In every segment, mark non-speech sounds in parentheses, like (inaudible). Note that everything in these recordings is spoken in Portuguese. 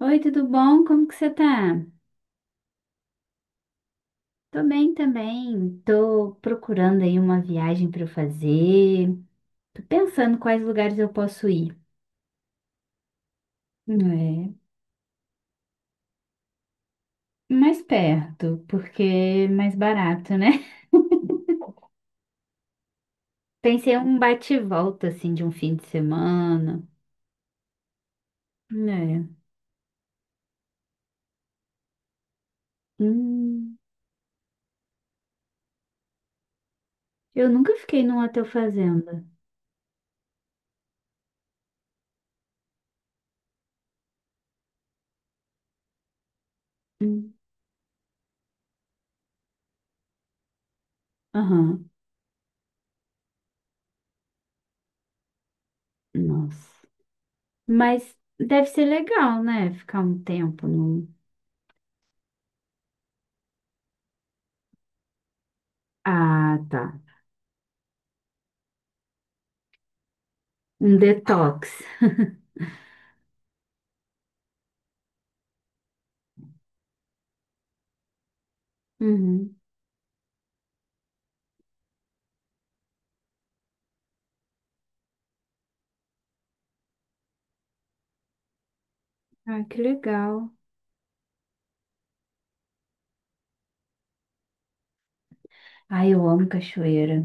Oi, tudo bom? Como que você tá? Tô bem também. Tô procurando aí uma viagem para eu fazer. Tô pensando quais lugares eu posso ir. É, mais perto, porque é mais barato, né? (laughs) Pensei em um bate-volta assim de um fim de semana. É. Hum, eu nunca fiquei num hotel fazenda. Hum, Aham. Nossa. Mas deve ser legal, né? Ficar um tempo num. Ah, tá. Um detox. Uhum. Ah, que legal. Ai, eu amo cachoeira.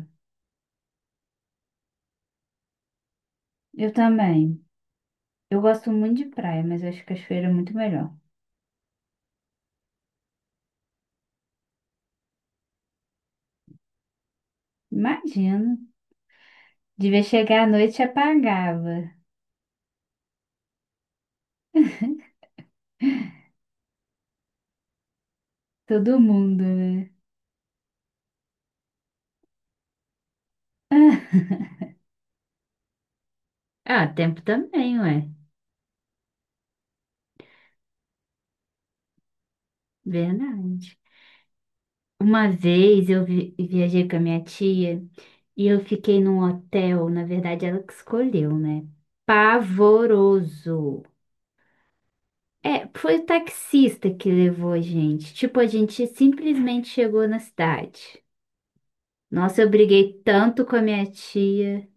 Eu também. Eu gosto muito de praia, mas eu acho cachoeira é muito melhor. Imagino. Devia chegar à noite e apagava. Todo mundo, né? (laughs) Ah, tempo também, ué. Verdade. Uma vez eu viajei com a minha tia e eu fiquei num hotel, na verdade ela que escolheu, né? Pavoroso. É, foi o taxista que levou a gente. Tipo, a gente simplesmente chegou na cidade. Nossa, eu briguei tanto com a minha tia,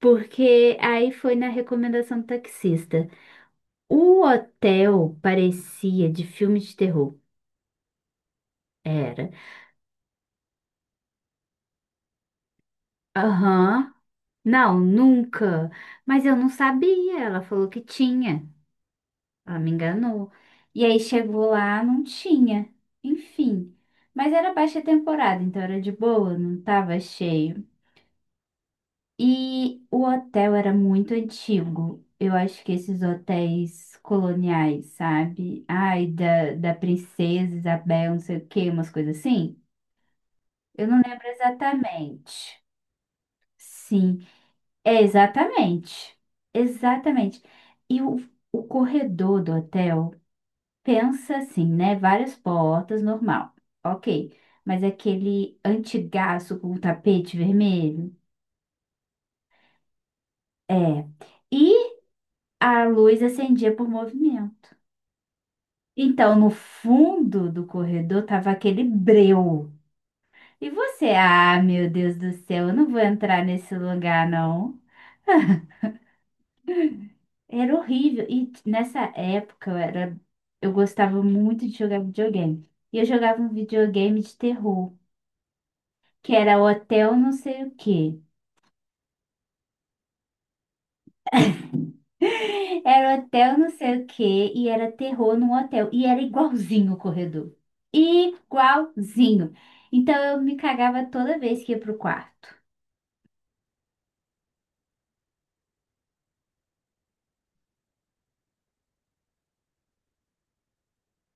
porque aí foi na recomendação do taxista. O hotel parecia de filme de terror. Era. Aham. Não, nunca. Mas eu não sabia. Ela falou que tinha. Ela me enganou. E aí chegou lá, não tinha. Enfim. Mas era baixa temporada, então era de boa, não tava cheio. E o hotel era muito antigo. Eu acho que esses hotéis coloniais, sabe? Ai, da Princesa Isabel, não sei o quê, umas coisas assim. Eu não lembro exatamente. Sim, é exatamente. Exatamente. E o, o corredor do hotel, pensa assim, né? Várias portas, normal. Ok. Mas aquele antigaço com o tapete vermelho. É. E a luz acendia por movimento. Então, no fundo do corredor tava aquele breu. E você, ah, meu Deus do céu, eu não vou entrar nesse lugar, não. (laughs) Era horrível. Nessa época eu era, eu gostava muito de jogar videogame. E eu jogava um videogame de terror, que era hotel não sei o quê. (laughs) Era hotel não sei o quê e era terror num hotel. E era igualzinho o corredor. Igualzinho. Então eu me cagava toda vez que ia pro quarto.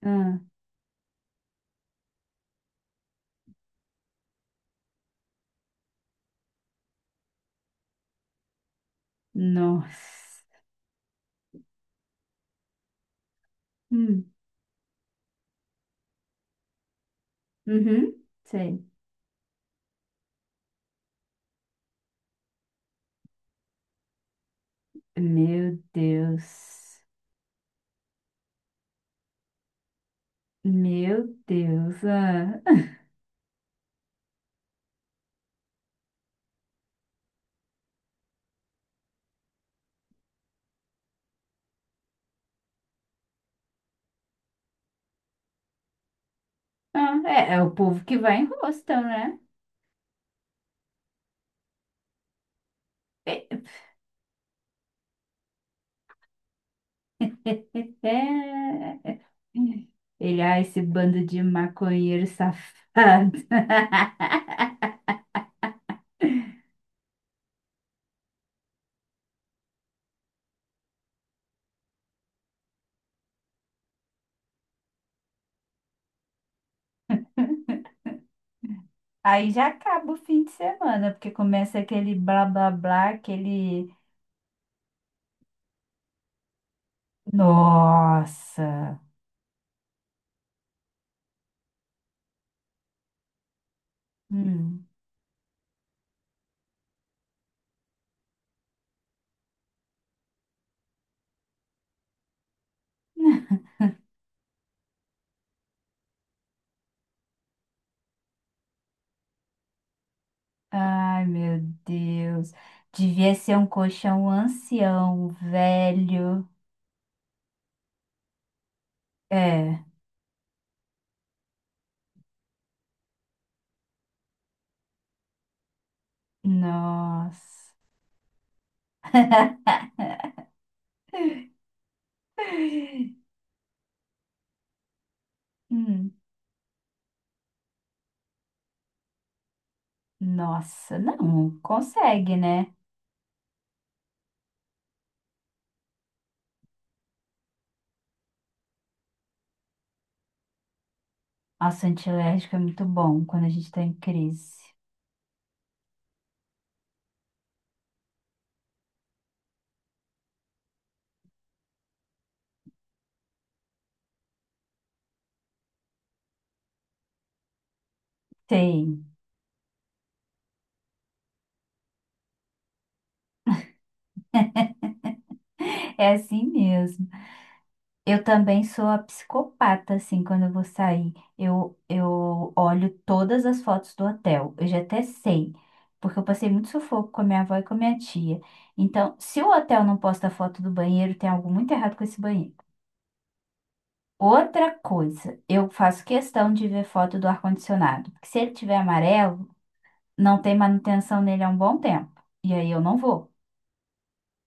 Hum. Nossa. Hum. Uhum. Sei. Meu Deus. Meu Deus. Ah. (laughs) Ah, é, é o povo que vai em hostel, né? É, é- Ele, ah, esse bando de maconheiro safado. Aí já acaba o fim de semana, porque começa aquele blá blá blá, aquele. Nossa! Hum. Ai, meu Deus. Devia ser um colchão ancião, velho. É, nossa. (laughs) Hum, nossa, não consegue, né? Nossa, antialérgico é muito bom quando a gente tá em crise. Tem. É assim mesmo. Eu também sou a psicopata, assim, quando eu vou sair. Eu olho todas as fotos do hotel. Eu já até sei, porque eu passei muito sufoco com a minha avó e com a minha tia. Então, se o hotel não posta foto do banheiro, tem algo muito errado com esse banheiro. Outra coisa, eu faço questão de ver foto do ar-condicionado. Porque se ele tiver amarelo, não tem manutenção nele há um bom tempo. E aí eu não vou.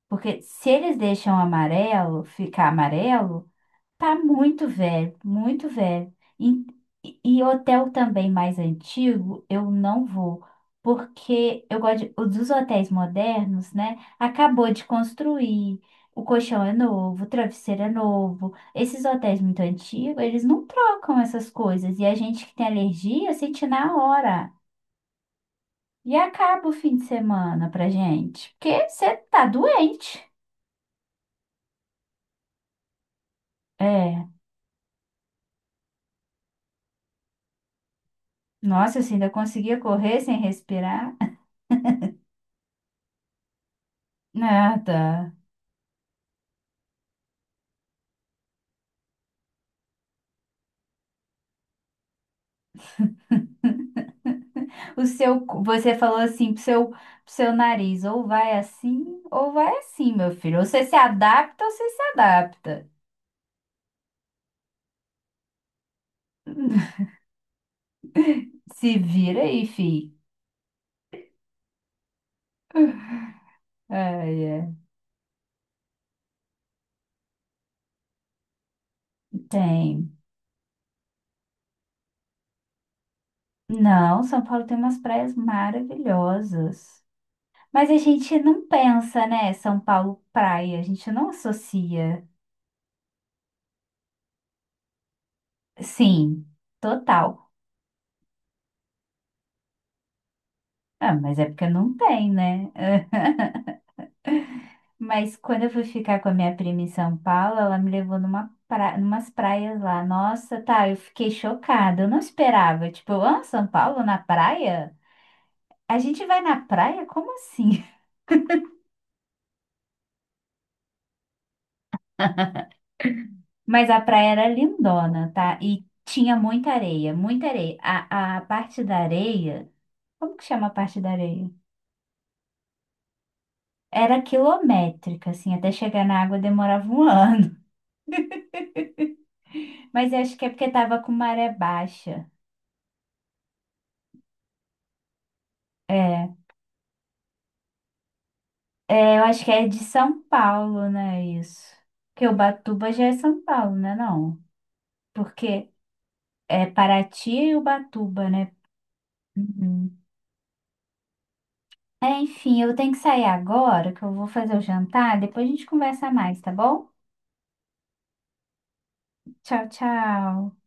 Porque se eles deixam amarelo ficar amarelo. Tá muito velho, muito velho. E, e hotel também mais antigo, eu não vou, porque eu gosto de, os dos hotéis modernos, né? Acabou de construir, o colchão é novo, o travesseiro é novo. Esses hotéis muito antigos, eles não trocam essas coisas. E a gente que tem alergia sente na hora. E acaba o fim de semana pra gente, porque você tá doente. É, nossa, se ainda conseguia correr sem respirar. (laughs) Nada. O seu, você falou assim pro seu nariz, ou vai assim, meu filho. Ou você se adapta, ou você se adapta. (laughs) Se vira aí, fi. Ai, ai. Tem. Não, São Paulo tem umas praias maravilhosas. Mas a gente não pensa, né? São Paulo praia, a gente não associa. Sim, total. Ah, mas é porque não tem, né? (laughs) Mas quando eu fui ficar com a minha prima em São Paulo, ela me levou numa pra... numas praias lá. Nossa, tá, eu fiquei chocada. Eu não esperava. Tipo, ah, São Paulo na praia? A gente vai na praia? Como assim? (laughs) Mas a praia era lindona, tá? E tinha muita areia, muita areia. A parte da areia, como que chama a parte da areia? Era quilométrica, assim, até chegar na água demorava um (laughs) ano. Mas eu acho que é porque tava com maré baixa. É. É, eu acho que é de São Paulo, né, isso? Porque Ubatuba já é São Paulo, né, não? Porque é Paraty e Ubatuba, né? Uhum. É, enfim, eu tenho que sair agora, que eu vou fazer o jantar, depois a gente conversa mais, tá bom? Tchau, tchau.